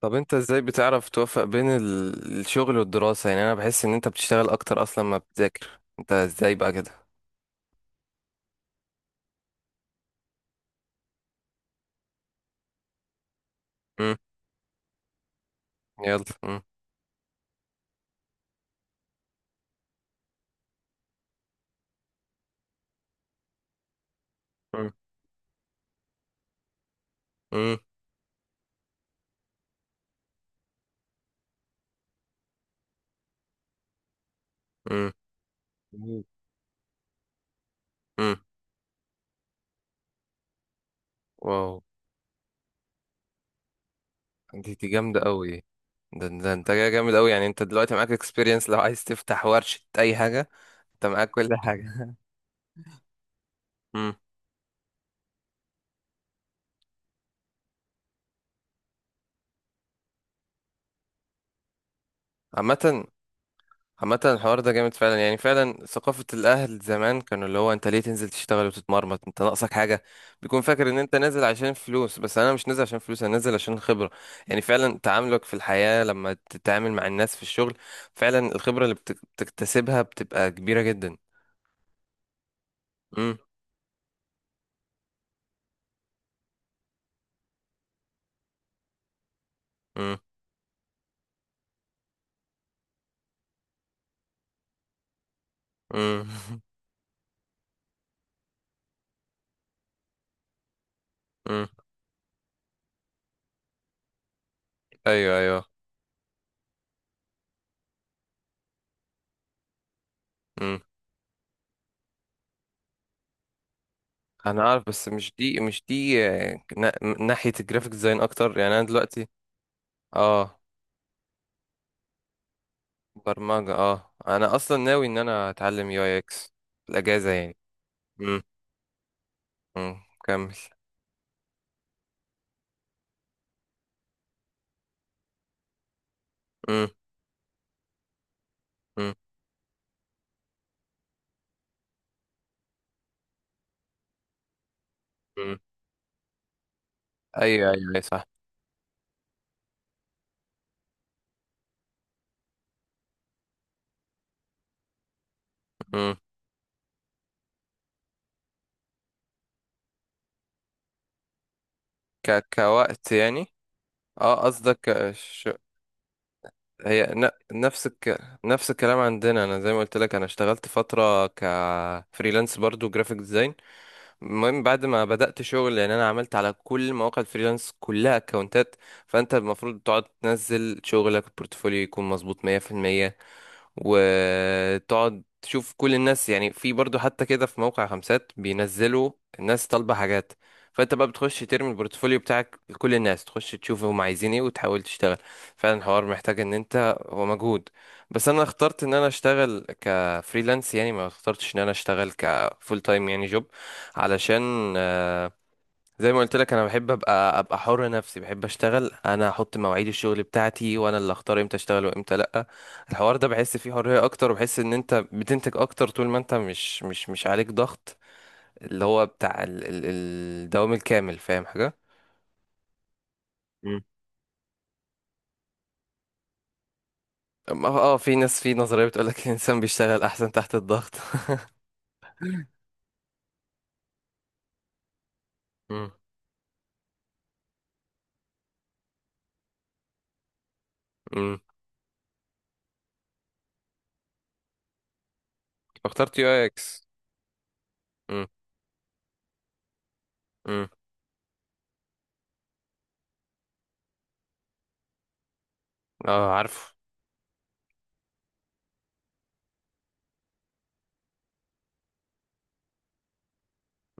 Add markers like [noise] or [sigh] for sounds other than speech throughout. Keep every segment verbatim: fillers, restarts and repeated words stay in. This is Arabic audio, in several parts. طب انت ازاي بتعرف توفق بين ال- الشغل والدراسة؟ يعني انا بحس ان انت بتشتغل اكتر اصلا ما بتذاكر، انت ازاي بقى كده؟ امم. يلا، امم. امم. امم. امم. واو. دي دي جامدة قوي. ده, ده انت جاي جامد قوي، يعني انت دلوقتي معاك اكسبيرينس، لو عايز تفتح ورشة اي حاجة انت معاك كل حاجة. [laughs] امم. عامة عامة الحوار ده جامد فعلا، يعني فعلا ثقافة الأهل زمان كانوا اللي هو أنت ليه تنزل تشتغل وتتمرمط، أنت ناقصك حاجة؟ بيكون فاكر إن أنت نازل عشان فلوس، بس أنا مش نازل عشان فلوس، أنا نازل عشان خبرة. يعني فعلا تعاملك في الحياة لما تتعامل مع الناس في الشغل، فعلا الخبرة اللي بتك- بتكتسبها بتبقى كبيرة جدا. امم. امم. امم. [laughs] امم. أيوه أيوه. امم. أنا عارف، بس مش دي مش دي آه، نا- ناحية الجرافيك ديزاين أكتر يعني أنا دلوقتي. اه. برمجة اه انا اصلا ناوي ان انا اتعلم يو اي اكس في الاجازة يعني. امم. امم كمل. امم. امم. امم. ايوه ايوه أيوة، صح. امم. ك كوقت يعني. اه قصدك ش... هي ن... نفس الك... نفس الكلام عندنا، انا زي ما قلت لك، انا اشتغلت فترة كفريلانس برضو جرافيك ديزاين. المهم بعد ما بدأت شغل يعني انا عملت على كل مواقع الفريلانس كلها اكونتات. فانت المفروض تقعد تنزل شغلك، البورتفوليو يكون مظبوط مية بالمية، وتقعد تشوف كل الناس، يعني في برضو حتى كده في موقع خمسات بينزلوا الناس طالبة حاجات. فانت بقى بتخش ترمي البورتفوليو بتاعك لكل الناس، تخش تشوف هم عايزين ايه وتحاول تشتغل. فعلا الحوار محتاج ان انت هو مجهود. بس انا اخترت ان انا اشتغل كفريلانس، يعني ما اخترتش ان انا اشتغل كفول تايم يعني جوب، علشان زي ما قلت لك انا بحب ابقى ابقى حر نفسي، بحب اشتغل انا احط مواعيد الشغل بتاعتي، وانا اللي اختار امتى اشتغل وامتى لا. الحوار ده بحس فيه حرية اكتر، وبحس ان انت بتنتج اكتر طول ما انت مش مش مش عليك ضغط، اللي هو بتاع ال- ال- الدوام الكامل، فاهم حاجة؟ مم. أما- اه في ناس في نظرية بتقولك [laughs] الانسان بيشتغل احسن تحت الضغط [laughs] امم. امم. اخترت يو اي اكس. امم. امم. اه عارفه.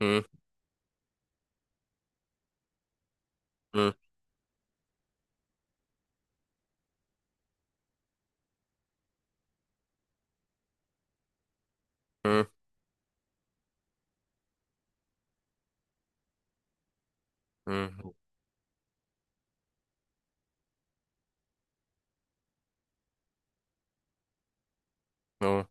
امم. امم. امم. امم.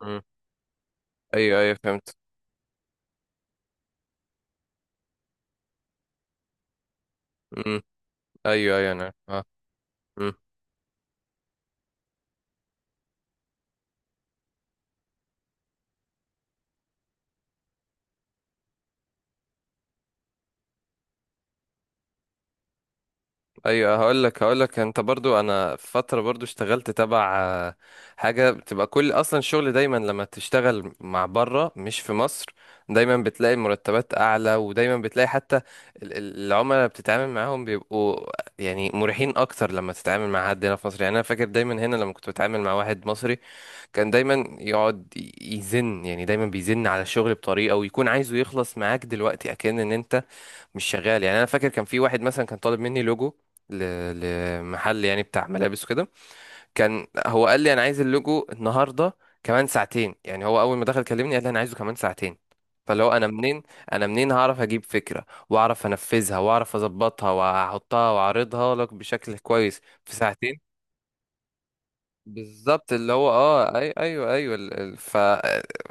امم. ايوه ايوه فهمت. ايوه ايوه انا اه. مم. ايوه، هقول لك هقول لك انت برضو، انا في فتره برضو اشتغلت تبع آه، حاجه بتبقى كل اصلا الشغل دايما لما تشتغل مع بره مش في مصر، دايما بتلاقي المرتبات اعلى، ودايما بتلاقي حتى ال- ال- العملاء اللي بتتعامل معاهم بيبقوا يعني مريحين اكتر. لما تتعامل مع حد هنا في مصر يعني، انا فاكر دايما هنا لما كنت بتعامل مع واحد مصري، كان دايما يقعد ي- يزن يعني، دايما بيزن على الشغل بطريقه، ويكون عايزه يخلص معاك دلوقتي اكن ان انت مش شغال يعني. انا فاكر كان في واحد مثلا كان طالب مني لوجو ل... لمحل يعني بتاع ملابس وكده. كان هو قال لي انا عايز اللوجو النهارده كمان ساعتين، يعني هو اول ما دخل كلمني قال لي انا عايزه كمان ساعتين. فاللي هو انا منين انا منين هعرف اجيب فكره واعرف انفذها واعرف اظبطها واحطها واعرضها لك بشكل كويس في ساعتين؟ بالظبط اللي هو اه اي ايوه ايوه ال- ال- ف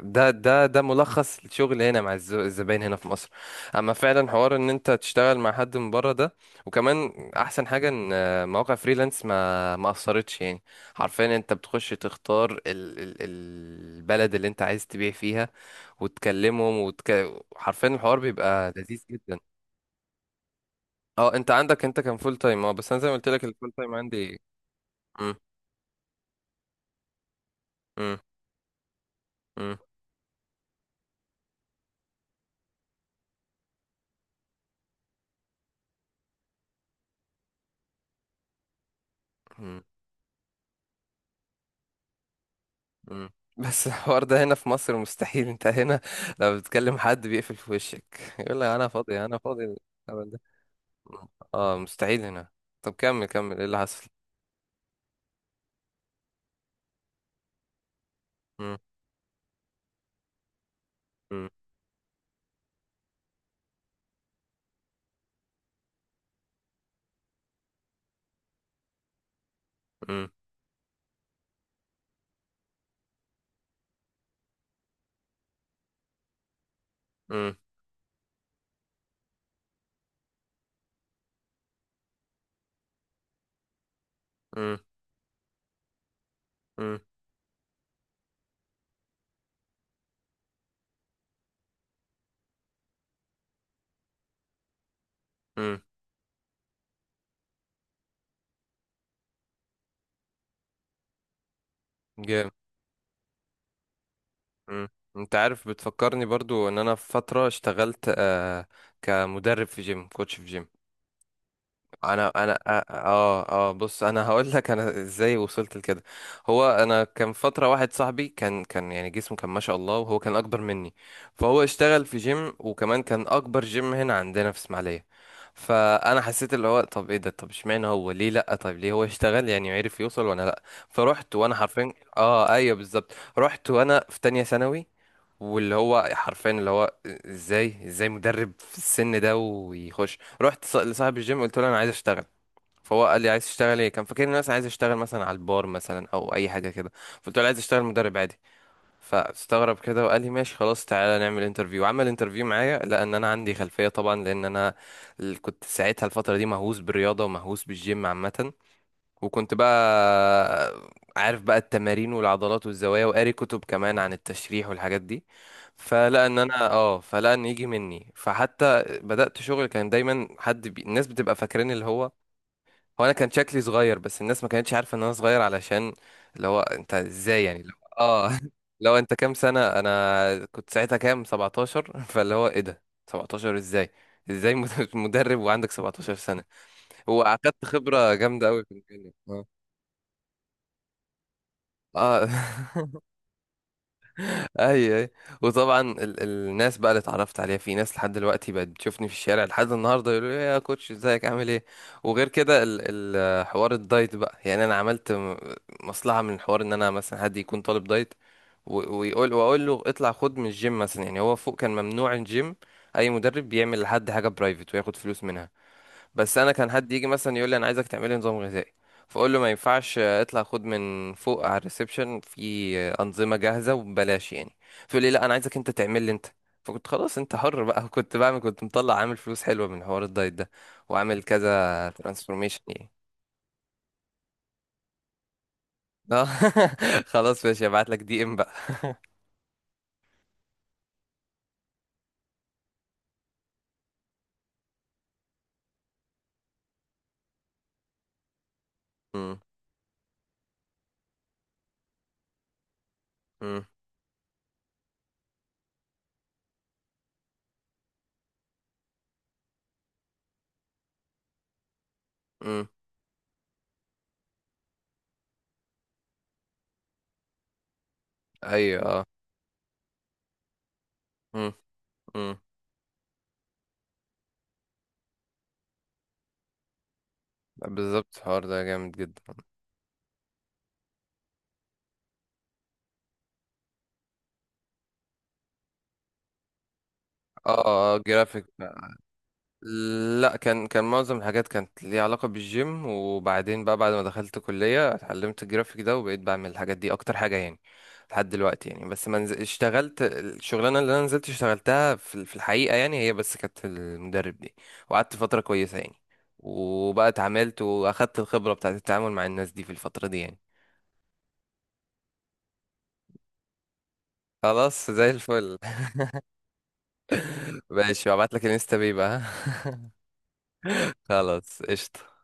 ده ده ده ملخص الشغل هنا مع الز- الزباين هنا في مصر. اما فعلا حوار ان انت تشتغل مع حد من بره ده، وكمان احسن حاجه ان آه، مواقع فريلانس ما ما اثرتش يعني، حرفيا انت بتخش تختار ال ال البلد اللي انت عايز تبيع فيها، وتكلمهم وتك... حرفيا الحوار بيبقى لذيذ جدا. اه انت عندك انت كان فول تايم، اه بس انا زي ما قلت لك الفول تايم عندي. مم، مم، مم، مم. مم. بس [laughs] الحوار ده هنا في مصر مستحيل، انت هنا لو بتكلم حد بيقفل في وشك يقول لك انا فاضي انا فاضي. الهبل ده. اه مستحيل هنا. طب كمل كمل ايه اللي حصل؟ مم. مم. مم. مم. مم. مم. مم. جامد. مم. انت عارف بتفكرني برضو ان انا في فترة اشتغلت آه كمدرب في جيم، كوتش في جيم. انا انا اه اه بص انا هقول لك انا ازاي وصلت لكده. هو انا كان فتره واحد صاحبي كان كان يعني جسمه كان ما شاء الله، وهو كان اكبر مني. فهو اشتغل في جيم، وكمان كان اكبر جيم هنا عندنا في اسماعيليه. فانا حسيت اللي هو طب ايه ده، طب اشمعنى هو ليه لا، طب ليه هو اشتغل يعني عرف يوصل وانا لا. فرحت وانا حرفيا اه ايوه بالظبط. رحت وانا في تانية ثانوي. واللي هو حرفيا اللي هو ازاي ازاي مدرب في السن ده ويخش. رحت ص- لصاحب الجيم قلت له انا عايز اشتغل. فهو قال لي عايز تشتغل ايه، كان فاكرني الناس عايز اشتغل مثلا على البار مثلا او اي حاجه كده. فقلت له عايز اشتغل مدرب عادي. فاستغرب كده وقال لي ماشي خلاص، تعالى نعمل انترفيو. عمل انترفيو معايا لان انا عندي خلفيه طبعا، لان انا ال- كنت ساعتها الفتره دي مهووس بالرياضه ومهووس بالجيم عامه. وكنت بقى عارف بقى التمارين والعضلات والزوايا، وقاري كتب كمان عن التشريح والحاجات دي. فلقى ان انا اه فلقى ان يجي مني. فحتى بدأت شغل كان دايما حد بي... الناس بتبقى فاكرين اللي هو هو انا كان شكلي صغير، بس الناس ما كانتش عارفة ان انا صغير، علشان اللي هو انت ازاي يعني. اللي هو- اه [laughs] لو انت كام سنة، انا كنت ساعتها كام، سبعتاشر؟ [laughs] فاللي هو ايه ده سبعتاشر؟ ازاي ازاي مد- [laughs] مدرب وعندك سبعة عشر سنة! وأخدت خبرة جامدة قوي في المكان. اه [laughs] اي اي. وطبعا ال الناس بقى اللي اتعرفت عليها، في ناس لحد دلوقتي بقت بتشوفني في الشارع لحد النهارده يقولوا لي إيه يا كوتش، ازيك عامل ايه؟ وغير كده ال ال حوار الدايت بقى، يعني انا عملت م- مصلحه من الحوار ان انا مثلا حد يكون طالب دايت، و- ويقول واقول له اطلع خد من الجيم مثلا، يعني هو فوق كان ممنوع الجيم، اي مدرب بيعمل لحد حاجه برايفت وياخد فلوس منها. بس انا كان حد يجي مثلا يقول لي انا عايزك تعملي نظام غذائي، فاقول له ما ينفعش، آه، اطلع خد من فوق على الريسبشن، في آه، انظمه جاهزه وببلاش يعني. فيقول لي لا انا عايزك انت تعمل لي انت. فكنت خلاص انت حر بقى. [laughs] كنت بعمل كنت مطلع عامل فلوس حلوه من حوار الدايت ده، وعامل كذا ترانسفورميشن يعني. آه. [laughs] خلاص ماشي هبعت لك دي ام بقى. [laughs] مم، مم، مم. ايوه اه. مم، مم. بالظبط الحوار ده جامد جدا. اه اه جرافيك. لا، كان كان معظم الحاجات كانت ليها علاقة بالجيم، وبعدين بقى بعد ما دخلت كلية اتعلمت الجرافيك ده، وبقيت بعمل الحاجات دي أكتر حاجة يعني لحد دلوقتي يعني. بس ما نز- اشتغلت الشغلانة اللي أنا نزلت اشتغلتها في ال- في الحقيقة يعني، هي بس كانت المدرب دي، وقعدت فترة كويسة يعني. وبقى اتعاملت وأخدت الخبرة بتاعت التعامل مع الناس دي في الفترة دي يعني. خلاص زي الفل. [laughs] ماشي هبعتلك الانستا بيه بقى. [laughs] خلاص قشطة.